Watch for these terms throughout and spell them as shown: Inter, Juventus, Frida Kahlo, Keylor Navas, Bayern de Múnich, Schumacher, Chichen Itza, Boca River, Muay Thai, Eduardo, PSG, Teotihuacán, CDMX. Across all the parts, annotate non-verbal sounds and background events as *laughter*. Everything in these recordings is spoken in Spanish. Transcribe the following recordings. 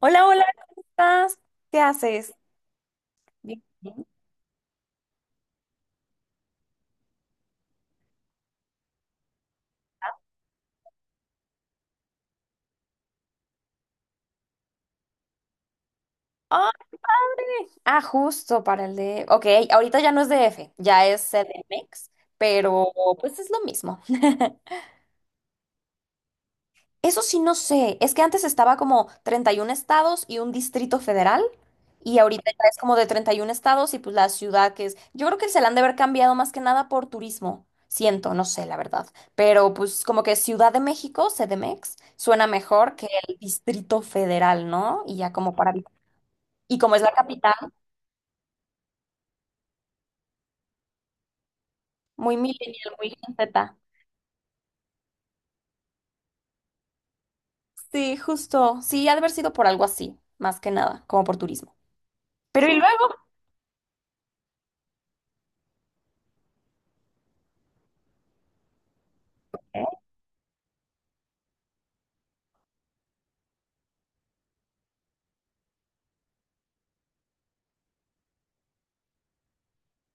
Hola, hola, ¿cómo estás? ¿Qué haces? Bien, bien. Ah, ¡padre! Ah, justo para Ok, ahorita ya no es DF, ya es CDMX, pero pues es lo mismo. *laughs* Eso sí no sé, es que antes estaba como 31 estados y un distrito federal y ahorita ya es como de 31 estados y pues la ciudad que es, yo creo que se la han de haber cambiado más que nada por turismo, siento, no sé la verdad, pero pues como que Ciudad de México, CDMX, suena mejor que el distrito federal, ¿no? Y ya como para... Y como es la capital, muy millennial, muy Gen Z. Sí, justo, sí, ha de haber sido por algo así, más que nada, como por turismo. Pero y luego...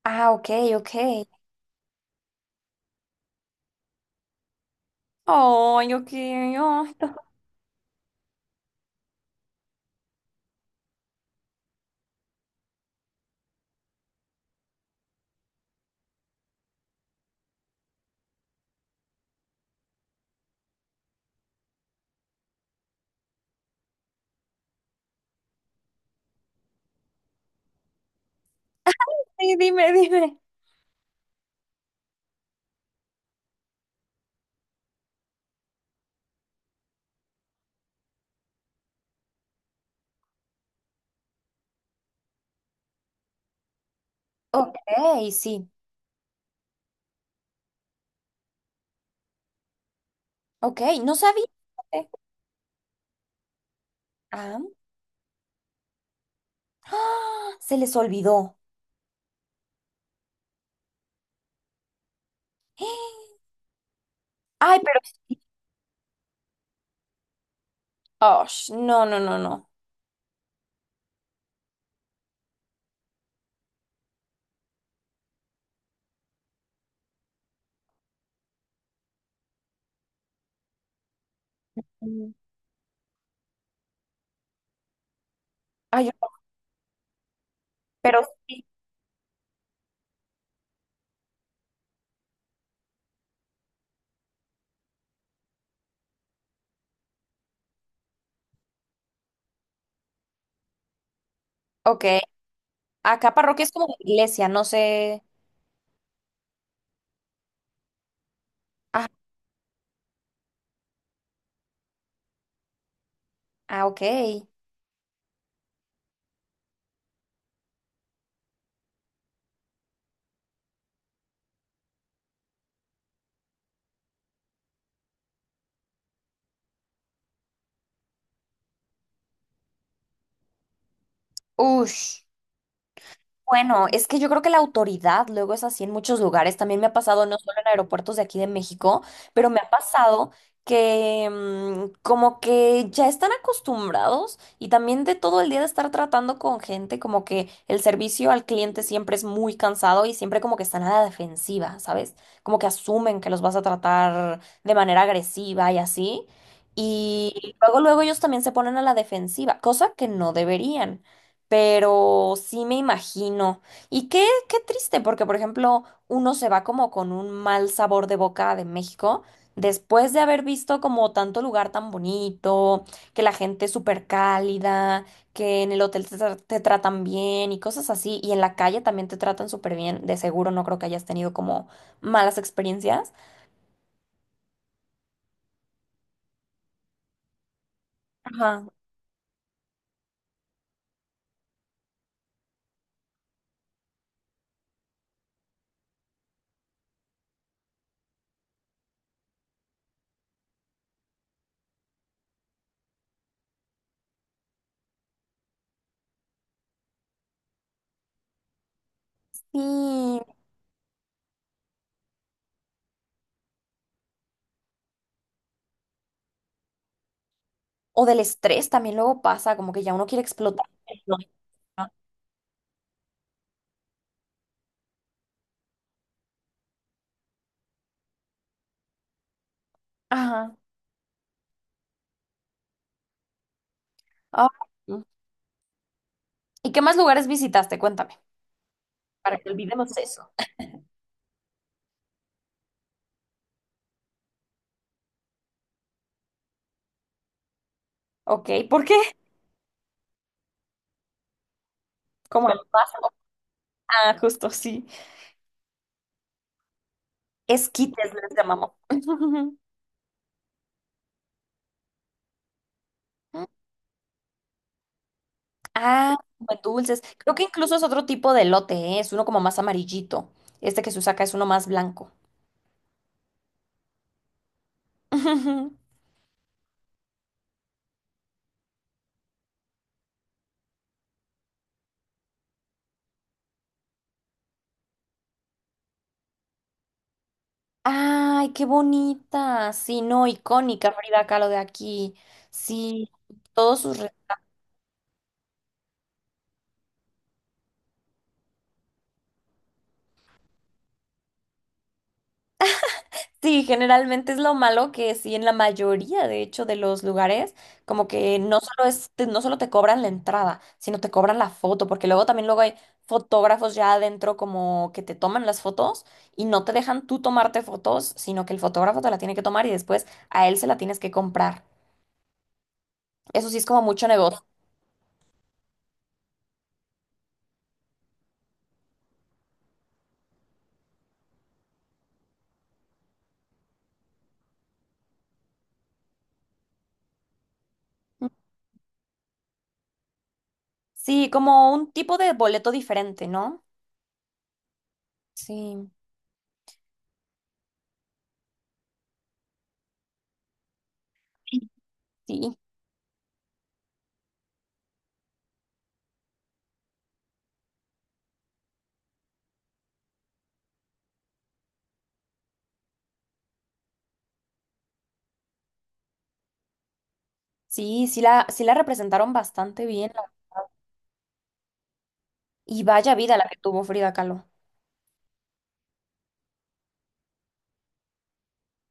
Ah, ok, ok. Ay, ok, ay, sí, dime, *laughs* dime. Ok, sí. Ok, no sabía. Eh, Ah, ¡ah! Se les olvidó. Ay, pero sí. Oh, no, no, no, no. Mm. Ay, yo... pero sí. Ok. Acá parroquia es como iglesia, no sé. Ah, ah, ok. Ush. Bueno, es que yo creo que la autoridad luego es así en muchos lugares. También me ha pasado, no solo en aeropuertos de aquí de México, pero me ha pasado que como que ya están acostumbrados y también de todo el día de estar tratando con gente, como que el servicio al cliente siempre es muy cansado y siempre como que están a la defensiva, ¿sabes? Como que asumen que los vas a tratar de manera agresiva y así. Y luego, luego ellos también se ponen a la defensiva, cosa que no deberían, pero sí me imagino. Y qué, qué triste, porque por ejemplo, uno se va como con un mal sabor de boca de México después de haber visto como tanto lugar tan bonito, que la gente es súper cálida, que en el hotel te, te tratan bien y cosas así, y en la calle también te tratan súper bien. De seguro no creo que hayas tenido como malas experiencias. Ajá. Sí. O del estrés también luego pasa, como que ya uno quiere explotar. No. Ajá. Ah, ¿y qué más lugares visitaste? Cuéntame, para que olvidemos eso. Ok, ¿por qué? Como el más. Ah, justo, sí. Esquites les llamamos. *laughs* Ah, como dulces. Creo que incluso es otro tipo de elote, ¿eh? Es uno como más amarillito. Este que se usa acá es uno más blanco. *laughs* Ay, qué bonita. Sí, no, icónica Frida Kahlo de aquí. Sí, todos sus... Sí, generalmente es lo malo que sí, en la mayoría, de hecho, de los lugares, como que no solo es, no solo te cobran la entrada, sino te cobran la foto, porque luego también luego hay fotógrafos ya adentro como que te toman las fotos y no te dejan tú tomarte fotos, sino que el fotógrafo te la tiene que tomar y después a él se la tienes que comprar. Eso sí es como mucho negocio. Sí, como un tipo de boleto diferente, ¿no? Sí, sí, sí, la, sí la representaron bastante bien. Y vaya vida la que tuvo Frida Kahlo.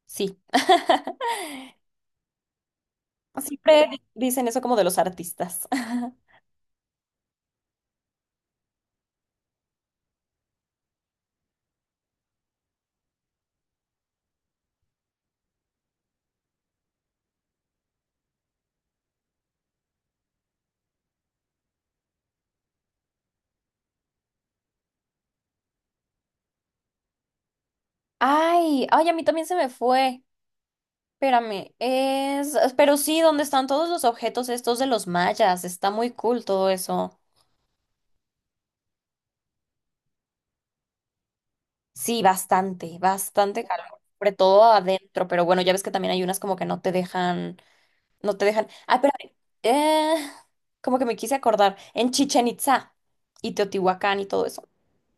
Sí. *laughs* Siempre sí. Dicen eso como de los artistas. *laughs* Ay, ay, a mí también se me fue. Espérame, es... Pero sí, ¿dónde están todos los objetos estos de los mayas? Está muy cool todo eso. Sí, bastante, bastante calor. Sobre todo adentro, pero bueno, ya ves que también hay unas como que no te dejan, Ah, espérame. Eh, como que me quise acordar. En Chichen Itza y Teotihuacán y todo eso.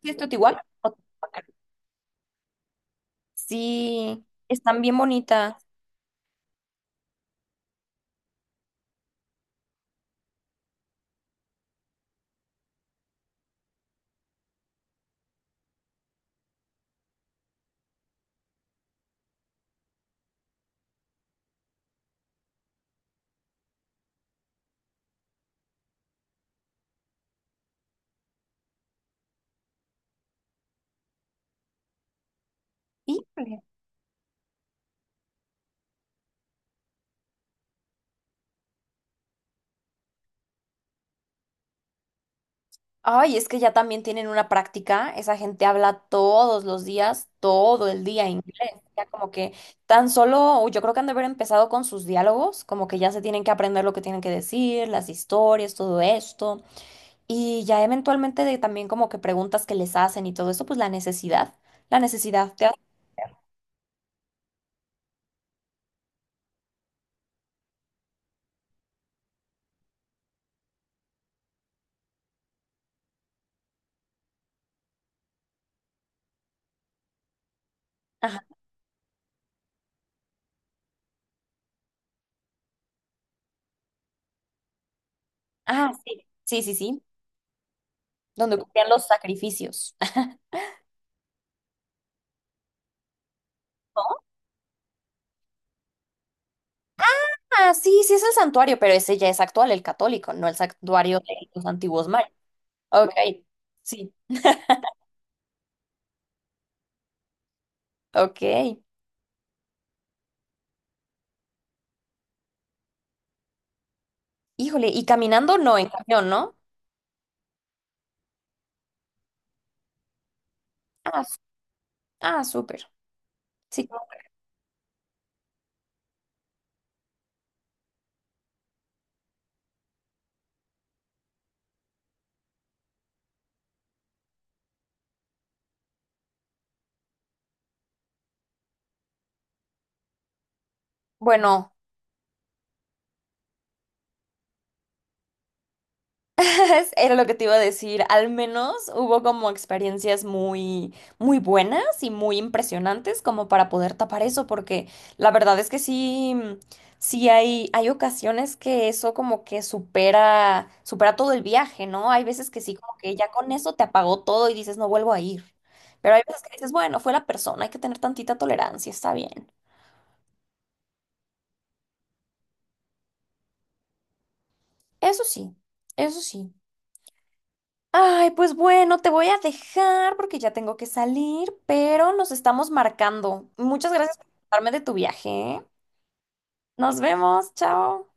¿Sí es Teotihuacán? Sí, están bien bonitas. Sí. Ay, es que ya también tienen una práctica, esa gente habla todos los días, todo el día inglés, ya como que tan solo, yo creo que han de haber empezado con sus diálogos, como que ya se tienen que aprender lo que tienen que decir, las historias, todo esto, y ya eventualmente de también como que preguntas que les hacen y todo eso, pues la necesidad, la necesidad, te ha- Ajá. Ah, sí, sí, sí, sí, donde ocurrían los sacrificios. *laughs* ¿No? Ah, sí, sí es el santuario, pero ese ya es actual, el católico, no el santuario de los antiguos mayas. Ok, sí, ok. Híjole, ¿y caminando no, en camión, no? Ah, ah, súper. Sí, bueno, *laughs* era lo que te iba a decir, al menos hubo como experiencias muy, muy buenas y muy impresionantes como para poder tapar eso, porque la verdad es que sí, sí hay ocasiones que eso como que supera, supera todo el viaje, ¿no? Hay veces que sí, como que ya con eso te apagó todo y dices, no vuelvo a ir. Pero hay veces que dices, bueno, fue la persona, hay que tener tantita tolerancia, está bien. Eso sí, eso sí. Ay, pues bueno, te voy a dejar porque ya tengo que salir, pero nos estamos marcando. Muchas gracias por contarme de tu viaje. ¿Eh? Nos vemos, chao.